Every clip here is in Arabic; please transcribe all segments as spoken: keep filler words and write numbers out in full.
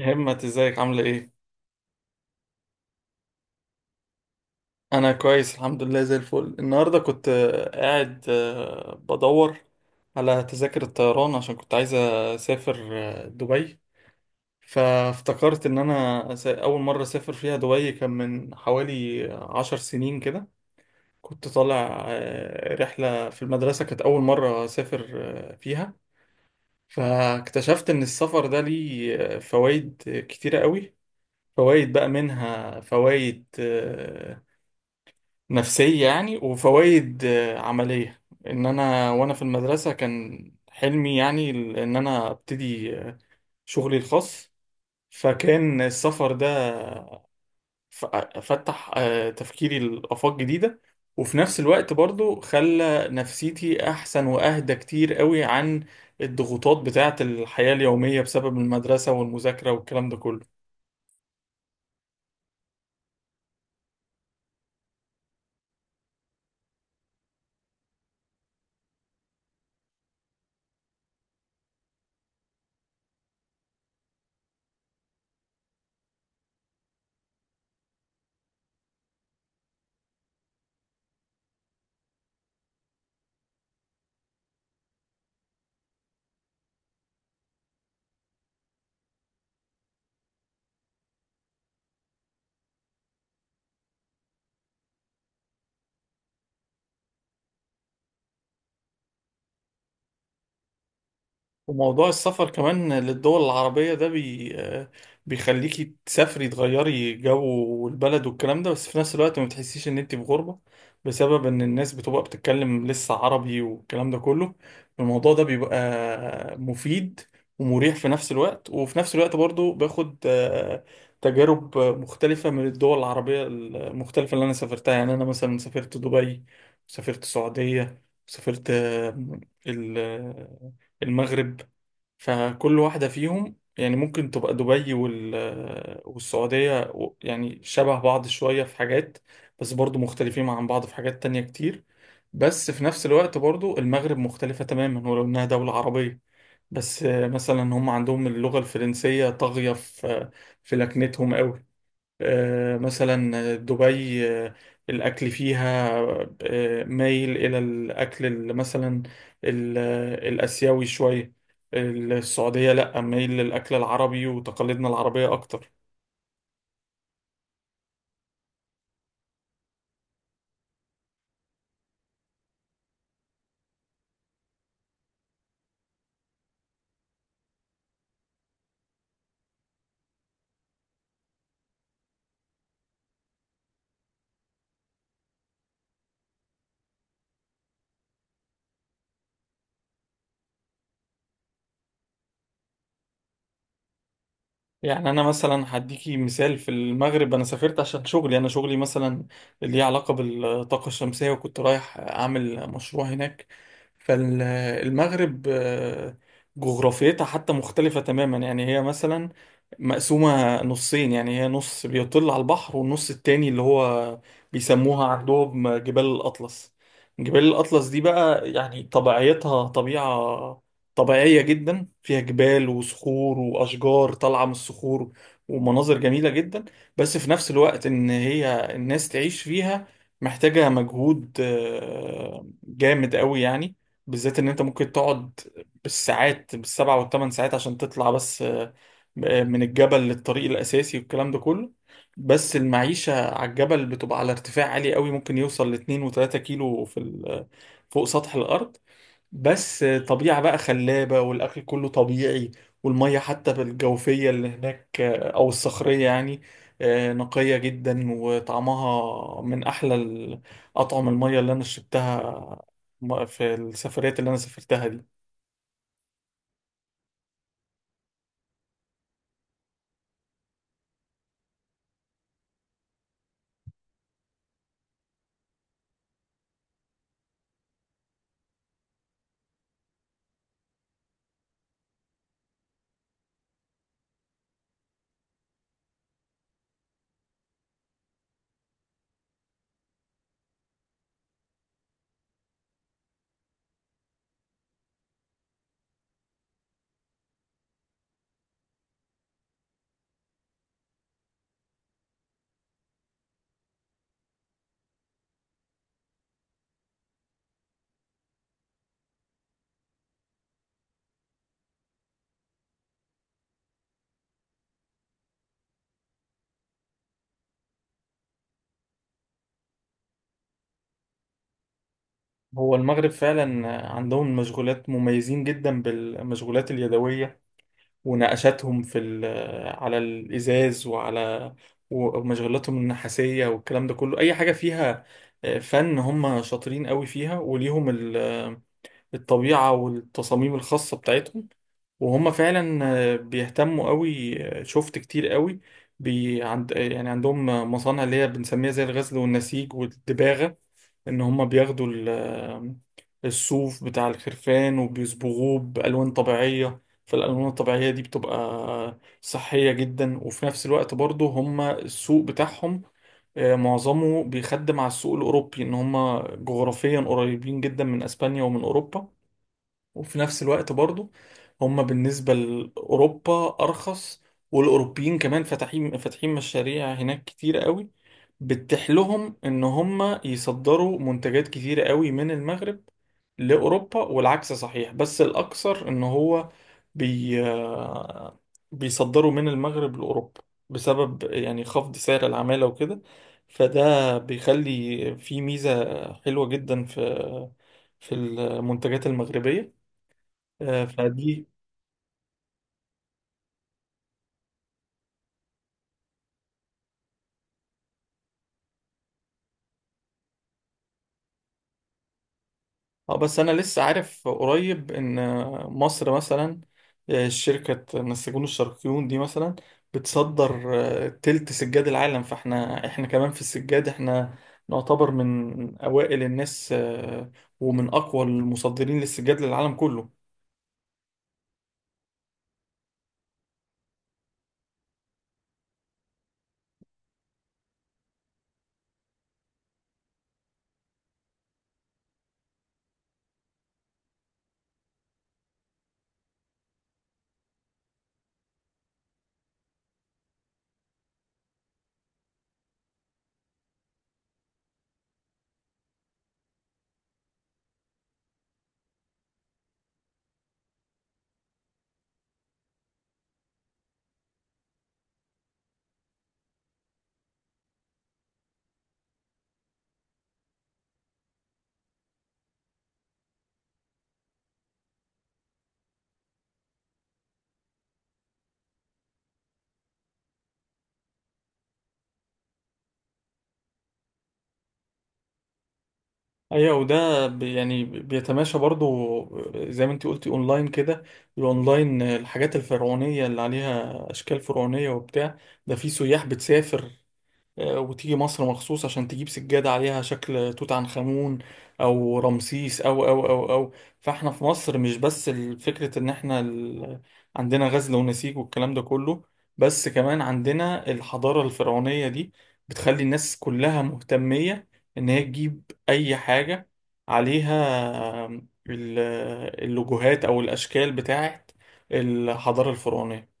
همت ازيك عاملة ايه؟ انا كويس الحمد لله، زي الفل. النهاردة كنت آه، قاعد آه، بدور على تذاكر الطيران عشان كنت عايز اسافر آه، دبي. فافتكرت ان انا س- اول مرة اسافر فيها دبي كان من حوالي عشر سنين كده. كنت طالع آه، رحلة في المدرسة، كانت اول مرة اسافر آه، فيها. فاكتشفت ان السفر ده ليه آه، فوائد كتيرة قوي. فوائد بقى منها فوائد آه، نفسية يعني، وفوائد آه، عملية. ان انا وانا في المدرسة كان حلمي يعني ال- ان انا ابتدي آه، شغلي الخاص. فكان السفر ده ف- فتح آه، تفكيري لآفاق جديدة، وفي نفس الوقت برضو خلى نفسيتي احسن واهدى كتير قوي عن الضغوطات بتاعة الحياة اليومية بسبب المدرسة والمذاكرة والكلام ده كله. وموضوع السفر كمان للدول العربية ده بي... آه، بيخليكي تسافري، تغيري جو والبلد والكلام ده، بس في نفس الوقت ما بتحسيش ان انت في غربة بسبب ان الناس بتبقى بتتكلم لسه عربي والكلام ده كله. الموضوع ده بيبقى مفيد ومريح في نفس الوقت، وفي نفس الوقت برضو باخد آه، تجارب مختلفة من الدول العربية المختلفة اللي أنا سافرتها. يعني أنا مثلا سافرت دبي، سافرت السعودية، سافرت آه، ال- المغرب. فكل واحدة فيهم يعني ممكن تبقى دبي وال... والسعودية و- يعني شبه بعض شوية في حاجات، بس برضو مختلفين عن بعض في حاجات تانية كتير. بس في نفس الوقت برضو المغرب مختلفة تماما ولو إنها دولة عربية، بس آه، مثلا هم عندهم اللغة الفرنسية طاغية في في لكنتهم قوي. آه، مثلا دبي، آه، الأكل فيها آه، مايل إلى الأكل ال- مثلا ال- الآسيوي شوية. السعودية لأ، مايل للأكل العربي وتقاليدنا العربية أكتر. يعني انا مثلا هديكي مثال، في المغرب انا سافرت عشان شغلي. انا شغلي مثلا اللي ليه علاقه بالطاقه الشمسيه، وكنت رايح اعمل مشروع هناك. فالمغرب آه، جغرافيتها حتى مختلفه تماما. يعني هي مثلا مقسومه نصين، يعني هي نص بيطل على البحر، والنص التاني اللي هو بيسموها عندهم جبال الاطلس. جبال الاطلس دي بقى يعني طبيعتها طبيعه طبيعية جدا، فيها جبال وصخور وأشجار طالعة من الصخور، ومناظر جميلة جدا. بس في نفس الوقت إن هي الناس تعيش فيها محتاجة مجهود آه، جامد قوي يعني، بالذات إن أنت ممكن تقعد بالساعات، بالسبع والثمان ساعات عشان تطلع بس آه، من الجبل للطريق الأساسي والكلام ده كله. بس المعيشة على الجبل بتبقى على ارتفاع عالي قوي، ممكن يوصل لاتنين وتلاتة كيلو في ال- فوق سطح الأرض. بس طبيعة بقى خلابة، والأكل كله طبيعي، والمية حتى بالجوفية اللي هناك آه، أو الصخرية يعني آه، نقية جدا، وطعمها من أحلى ال- أطعم المية اللي أنا شربتها م- في السفريات اللي أنا سافرتها دي. هو المغرب فعلا عندهم مشغولات، مميزين جدا بالمشغولات اليدوية ونقشاتهم في ال- على الإزاز وعلى ومشغلاتهم النحاسية والكلام ده كله. أي حاجة فيها آه، فن هم شاطرين قوي فيها، وليهم الطبيعة والتصاميم الخاصة بتاعتهم. وهم فعلا آه، بيهتموا قوي. آه، شفت كتير قوي بي عند آه، يعني عندهم آه، مصانع اللي هي بنسميها زي الغزل والنسيج والدباغة. ان هم بياخدوا ال- آه، الصوف بتاع الخرفان وبيصبغوه بألوان طبيعية، فالألوان الطبيعية دي بتبقى آه، صحية جدا. وفي نفس الوقت برضو هم السوق بتاعهم آه، معظمه بيخدم على السوق الأوروبي، إن هم جغرافيا قريبين جدا من أسبانيا ومن أوروبا. وفي نفس الوقت برضو هم بالنسبة لأوروبا أرخص، والأوروبيين كمان فاتحين فاتحين مشاريع هناك كتير قوي، بتتيح لهم إن هم يصدروا منتجات كتير قوي من المغرب لأوروبا. والعكس صحيح، بس الأكثر إن هو بي بيصدروا من المغرب لأوروبا بسبب يعني خفض سعر العمالة وكده. فده بيخلي في ميزة حلوة جدا في في المنتجات المغربية آه، فدي. اه بس انا لسه عارف قريب ان آه، مصر مثلا، آه، شركة نسيجون الشرقيون دي مثلا بتصدر آه، تلت سجاد العالم. فاحنا، احنا كمان في السجاد، احنا نعتبر من اوائل الناس آه، ومن اقوى المصدرين للسجاد للعالم كله. ايوه، وده بي- يعني بيتماشى برضو آه، زي ما انت قلتي اونلاين كده. الاونلاين آه، الحاجات الفرعونية اللي عليها اشكال فرعونية وبتاع، ده في سياح بتسافر آه، وتيجي مصر مخصوص عشان تجيب سجادة عليها شكل توت عنخ آمون أو رمسيس أو أو أو أو فاحنا في مصر مش بس ال- فكرة إن احنا ال... عندنا غزل ونسيج والكلام ده كله، بس كمان عندنا الحضارة الفرعونية دي بتخلي الناس كلها مهتمية إن هي تجيب أي حاجة عليها ال- اللوجوهات أو الأشكال بتاعت الحضارة الفرعونية.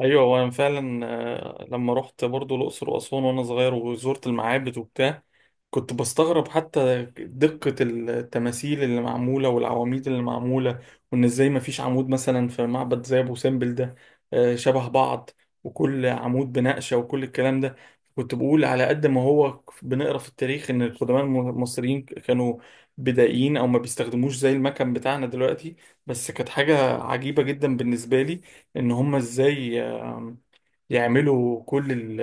ايوه، وانا فعلا آه، لما رحت برضو الاقصر واسوان وانا صغير، وزرت المعابد وبتاع، كنت بستغرب حتى دقة التماثيل اللي معمولة والعواميد اللي معمولة. وان ازاي ما فيش عمود مثلا في معبد زي ابو سمبل ده آه، شبه بعض، وكل عمود بنقشة وكل الكلام ده. كنت بقول على قد ما هو بنقرا في التاريخ ان القدماء المصريين كانوا بدائيين او ما بيستخدموش زي المكن بتاعنا دلوقتي، بس كانت حاجة عجيبة جدا بالنسبة لي ان هم ازاي يعملوا كل ال-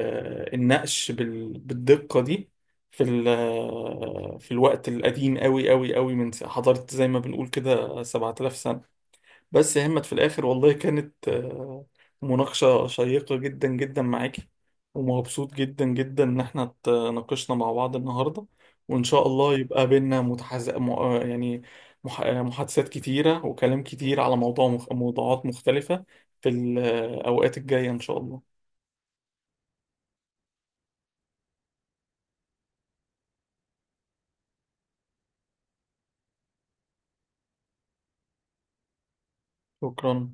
النقش بال- بالدقة دي في ال- في الوقت القديم قوي قوي قوي من س- حضارة، زي ما بنقول كده سبعة آلاف سنة. بس يا همت، في الآخر والله كانت آه، مناقشة شيقة جدا جدا معاكي، ومبسوط جدا جدا إن احنا اتناقشنا مع بعض النهاردة. وإن شاء الله يبقى بينا متحز... م... آه، يعني مح... آه، محادثات كتيرة وكلام كتير على موضوع مخ... موضوعات مختلفة في الأوقات الجاية إن شاء الله. شكرا.